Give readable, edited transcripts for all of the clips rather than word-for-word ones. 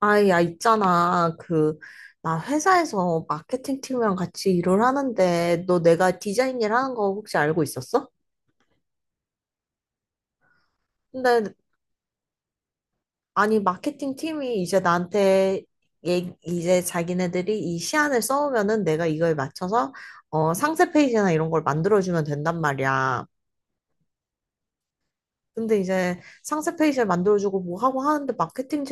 아, 야, 있잖아. 그, 나 회사에서 마케팅 팀이랑 같이 일을 하는데, 너 내가 디자인 일 하는 거 혹시 알고 있었어? 근데, 아니, 마케팅 팀이 이제 나한테, 얘, 이제 자기네들이 이 시안을 써오면은 내가 이거에 맞춰서, 어, 상세 페이지나 이런 걸 만들어주면 된단 말이야. 근데 이제 상세 페이지를 만들어주고 뭐 하고 하는데 마케팅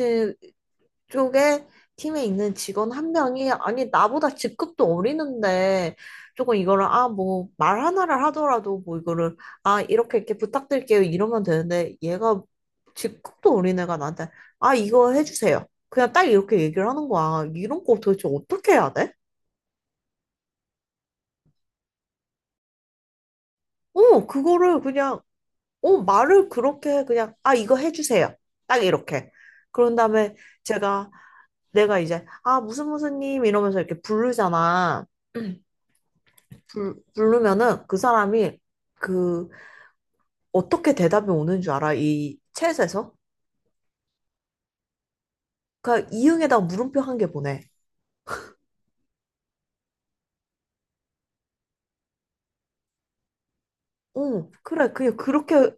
쪽에 팀에 있는 직원 한 명이 아니 나보다 직급도 어리는데 조금 이거를 아 뭐 말 하나를 하더라도 뭐 이거를 아 이렇게 이렇게 부탁드릴게요 이러면 되는데 얘가 직급도 어린 애가 나한테 아 이거 해주세요 그냥 딱 이렇게 얘기를 하는 거야 이런 거 도대체 어떻게 해야 돼? 어 그거를 그냥 어 말을 그렇게 그냥 아 이거 해주세요 딱 이렇게 그런 다음에 제가 내가 이제 아 무슨 무슨 님 이러면서 이렇게 부르잖아 부르면은 그 사람이 그 어떻게 대답이 오는 줄 알아? 이 챗에서? 그러니까 이응에다 가 물음표 한 개 보내. 응, 그래. 그냥 그렇게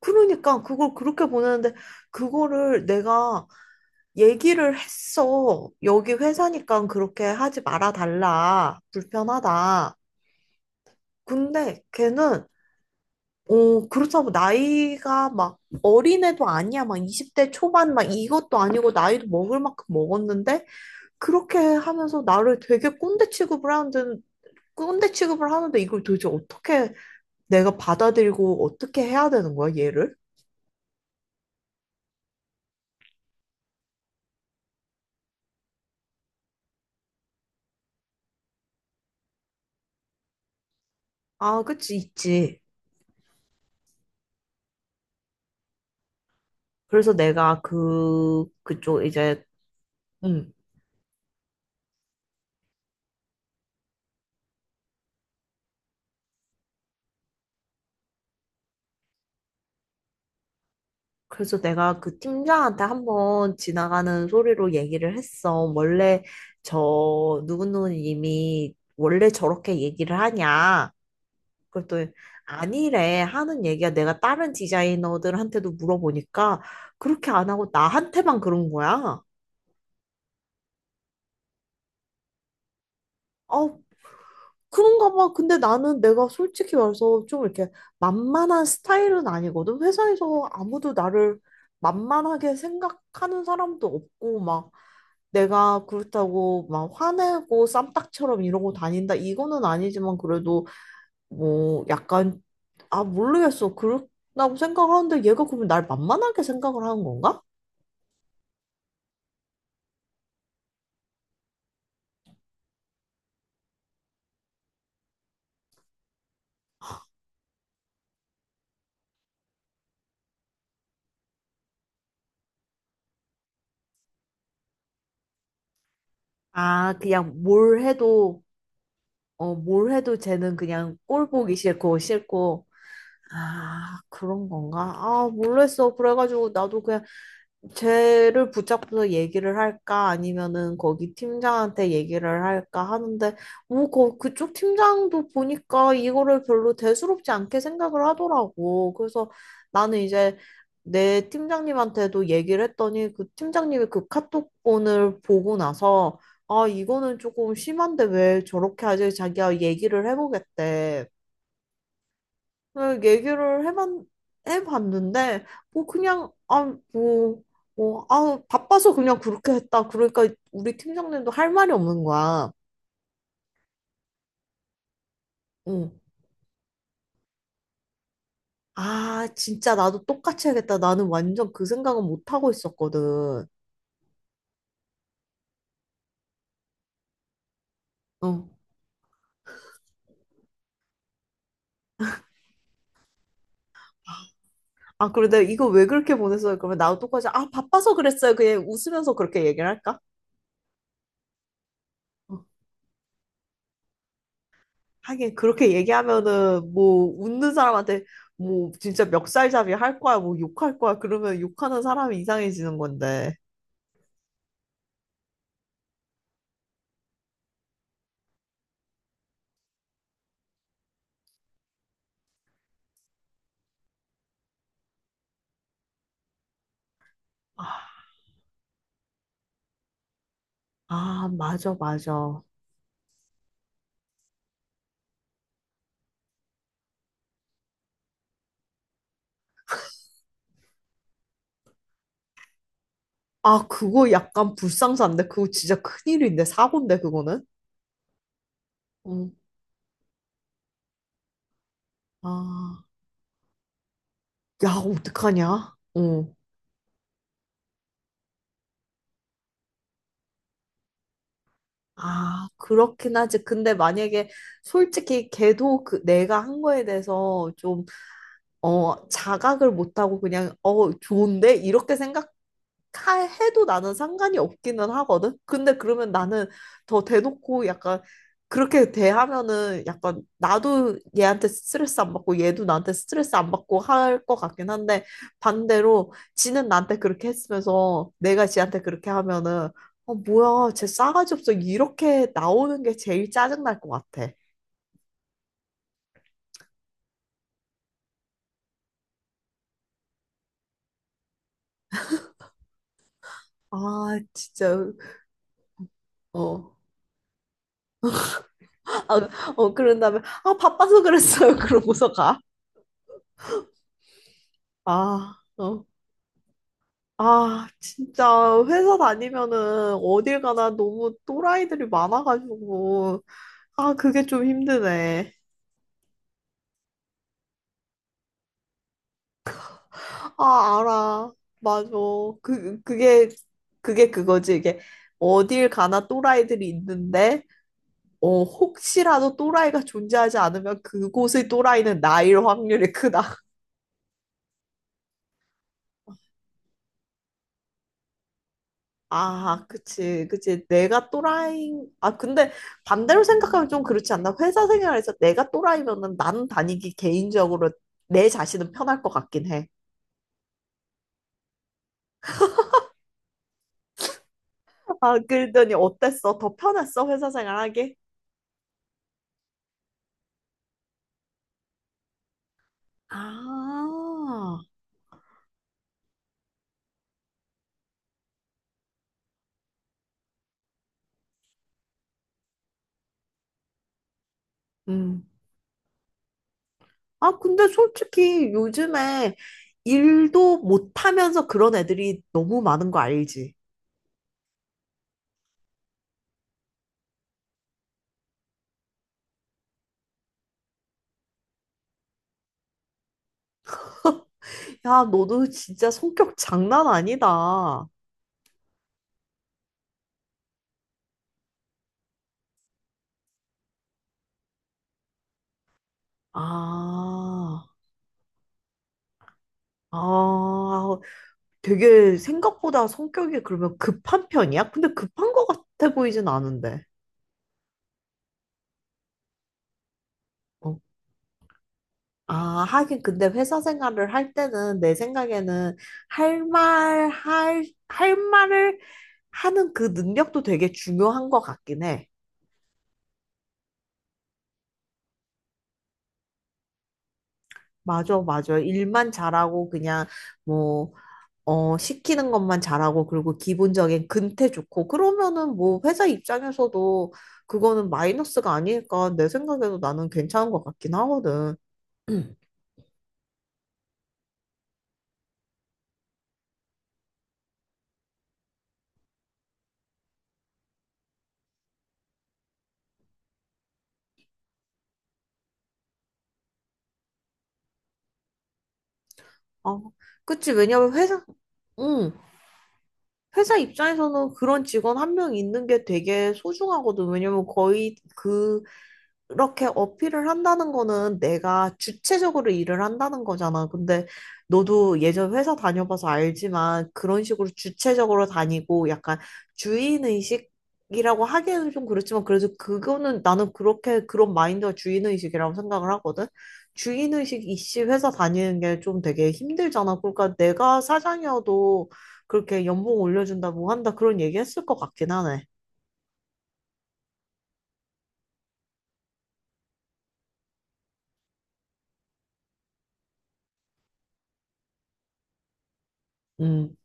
그러니까 그걸 그렇게 보내는데 그거를 내가 얘기를 했어. 여기 회사니까 그렇게 하지 말아 달라. 불편하다. 근데 걔는 어, 그렇다고 나이가 막 어린애도 아니야. 막 20대 초반 막 이것도 아니고 나이도 먹을 만큼 먹었는데 그렇게 하면서 나를 되게 꼰대 취급을 하는데, 꼰대 취급을 하는데 이걸 도대체 어떻게 내가 받아들이고 어떻게 해야 되는 거야, 얘를? 아, 그치, 있지. 그래서 내가 그, 그쪽 이제, 음. 그래서 내가 그 팀장한테 한번 지나가는 소리로 얘기를 했어. 원래 저 누구누구님이 원래 저렇게 얘기를 하냐. 그것 아니래 하는 얘기야. 내가 다른 디자이너들한테도 물어보니까 그렇게 안 하고 나한테만 그런 거야. 어 그런가 봐. 근데 나는 내가 솔직히 말해서 좀 이렇게 만만한 스타일은 아니거든. 회사에서 아무도 나를 만만하게 생각하는 사람도 없고 막 내가 그렇다고 막 화내고 쌈딱처럼 이러고 다닌다. 이거는 아니지만 그래도 뭐 약간 아, 모르겠어. 그렇다고 생각하는데 얘가 그러면 날 만만하게 생각을 하는 건가? 아, 그냥 뭘 해도, 어, 뭘 해도 쟤는 그냥 꼴 보기 싫고, 싫고. 아, 그런 건가? 아, 모르겠어. 그래가지고 나도 그냥 쟤를 붙잡고서 얘기를 할까 아니면은 거기 팀장한테 얘기를 할까 하는데 뭐 거, 그쪽 팀장도 보니까 이거를 별로 대수롭지 않게 생각을 하더라고. 그래서 나는 이제 내 팀장님한테도 얘기를 했더니 그 팀장님이 그 카톡본을 보고 나서 아 이거는 조금 심한데 왜 저렇게 하지? 자기가 얘기를 해보겠대. 네, 해봤는데, 뭐, 그냥, 아, 뭐, 뭐, 아, 바빠서 그냥 그렇게 했다. 그러니까 우리 팀장님도 할 말이 없는 거야. 응. 아, 진짜 나도 똑같이 해야겠다. 나는 완전 그 생각은 못 하고 있었거든. 응. 아, 그래, 내가 이거 왜 그렇게 보냈어요? 그러면 나도 똑같이, 아, 바빠서 그랬어요. 그냥 웃으면서 그렇게 얘기를 할까? 하긴 그렇게 얘기하면은 뭐 웃는 사람한테 뭐 진짜 멱살잡이 할 거야 뭐 욕할 거야 그러면 욕하는 사람이 이상해지는 건데 아, 아 맞아 맞아 아 그거 약간 불상사인데 그거 진짜 큰일인데 사고인데 그거는 응. 아, 야 어떡하냐 응. 아 그렇긴 하지 근데 만약에 솔직히 걔도 그 내가 한 거에 대해서 좀 어, 자각을 못하고 그냥 어 좋은데 이렇게 생각 카 해도 나는 상관이 없기는 하거든. 근데 그러면 나는 더 대놓고 약간 그렇게 대하면은 약간 나도 얘한테 스트레스 안 받고 얘도 나한테 스트레스 안 받고 할 것 같긴 한데 반대로 지는 나한테 그렇게 했으면서 내가 지한테 그렇게 하면은 아 뭐야 쟤 싸가지 없어 이렇게 나오는 게 제일 짜증 날 것 같아. 아 진짜 어. 아, 어 그런 다음에 아 바빠서 그랬어요 그러고서 가. 아 어. 아, 진짜 회사 다니면은 어딜 가나 너무 또라이들이 많아가지고 아, 그게 좀 힘드네. 아, 알아. 맞아. 그 그게 그게 그거지. 이게 어딜 가나 또라이들이 있는데 어, 혹시라도 또라이가 존재하지 않으면 그곳의 또라이는 나일 확률이 크다. 아, 그치, 그치. 내가 또라이, 아, 근데 반대로 생각하면 좀 그렇지 않나? 회사 생활에서 내가 또라이면은 나는 다니기 개인적으로 내 자신은 편할 것 같긴 해. 아, 그러더니 어땠어? 더 편했어? 회사 생활하기? 아, 음. 아, 근데 솔직히 요즘에 일도 못하면서 그런 애들이 너무 많은 거 알지? 야, 너도 진짜 성격 장난 아니다. 아, 아, 되게 생각보다 성격이 그러면 급한 편이야? 근데 급한 것 같아 보이진 않은데. 어. 아, 하긴 근데 회사 생활을 할 때는 내 생각에는 할 말을 하는 그 능력도 되게 중요한 것 같긴 해. 맞아, 맞아. 일만 잘하고 그냥 뭐, 어, 시키는 것만 잘하고 그리고 기본적인 근태 좋고 그러면은 뭐 회사 입장에서도 그거는 마이너스가 아니니까 내 생각에도 나는 괜찮은 것 같긴 하거든. 어, 그치. 왜냐면 회사, 응. 회사 입장에서는 그런 직원 한 명 있는 게 되게 소중하거든. 왜냐면 거의 그, 이렇게 어필을 한다는 거는 내가 주체적으로 일을 한다는 거잖아. 근데 너도 예전 회사 다녀봐서 알지만 그런 식으로 주체적으로 다니고 약간 주인의식 이라고 하기에는 좀 그렇지만 그래서 그거는 나는 그렇게 그런 마인드가 주인의식이라고 생각을 하거든. 주인의식 이씨 회사 다니는 게 좀 되게 힘들잖아. 그러니까 내가 사장이어도 그렇게 연봉 올려준다, 뭐 한다, 그런 얘기 했을 것 같긴 하네. 음.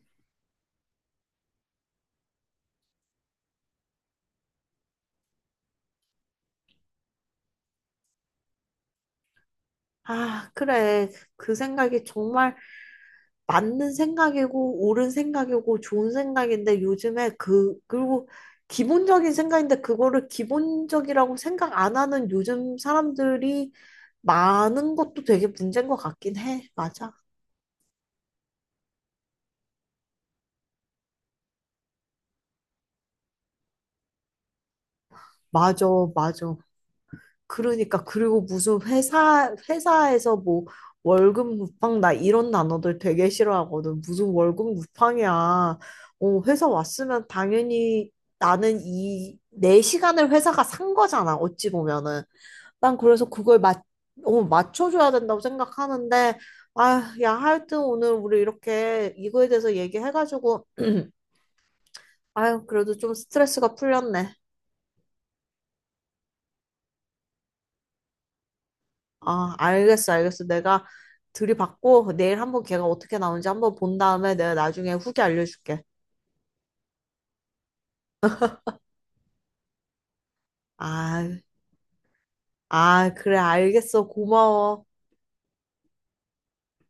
아, 그래. 그 생각이 정말 맞는 생각이고, 옳은 생각이고, 좋은 생각인데, 요즘에 그, 그리고 기본적인 생각인데, 그거를 기본적이라고 생각 안 하는 요즘 사람들이 많은 것도 되게 문제인 것 같긴 해. 맞아. 맞아, 맞아. 그러니까 그리고 무슨 회사에서 뭐 월급 무팡 나 이런 단어들 되게 싫어하거든. 무슨 월급 무팡이야. 어, 회사 왔으면 당연히 나는 이 내 시간을 회사가 산 거잖아. 어찌 보면은. 난 그래서 맞춰줘야 된다고 생각하는데 아, 야 하여튼 오늘 우리 이렇게 이거에 대해서 얘기해가지고 아유 그래도 좀 스트레스가 풀렸네. 아, 알겠어, 알겠어. 내가 들이받고 내일 한번 걔가 어떻게 나오는지 한번 본 다음에 내가 나중에 후기 알려줄게. 아, 아, 그래, 알겠어. 고마워.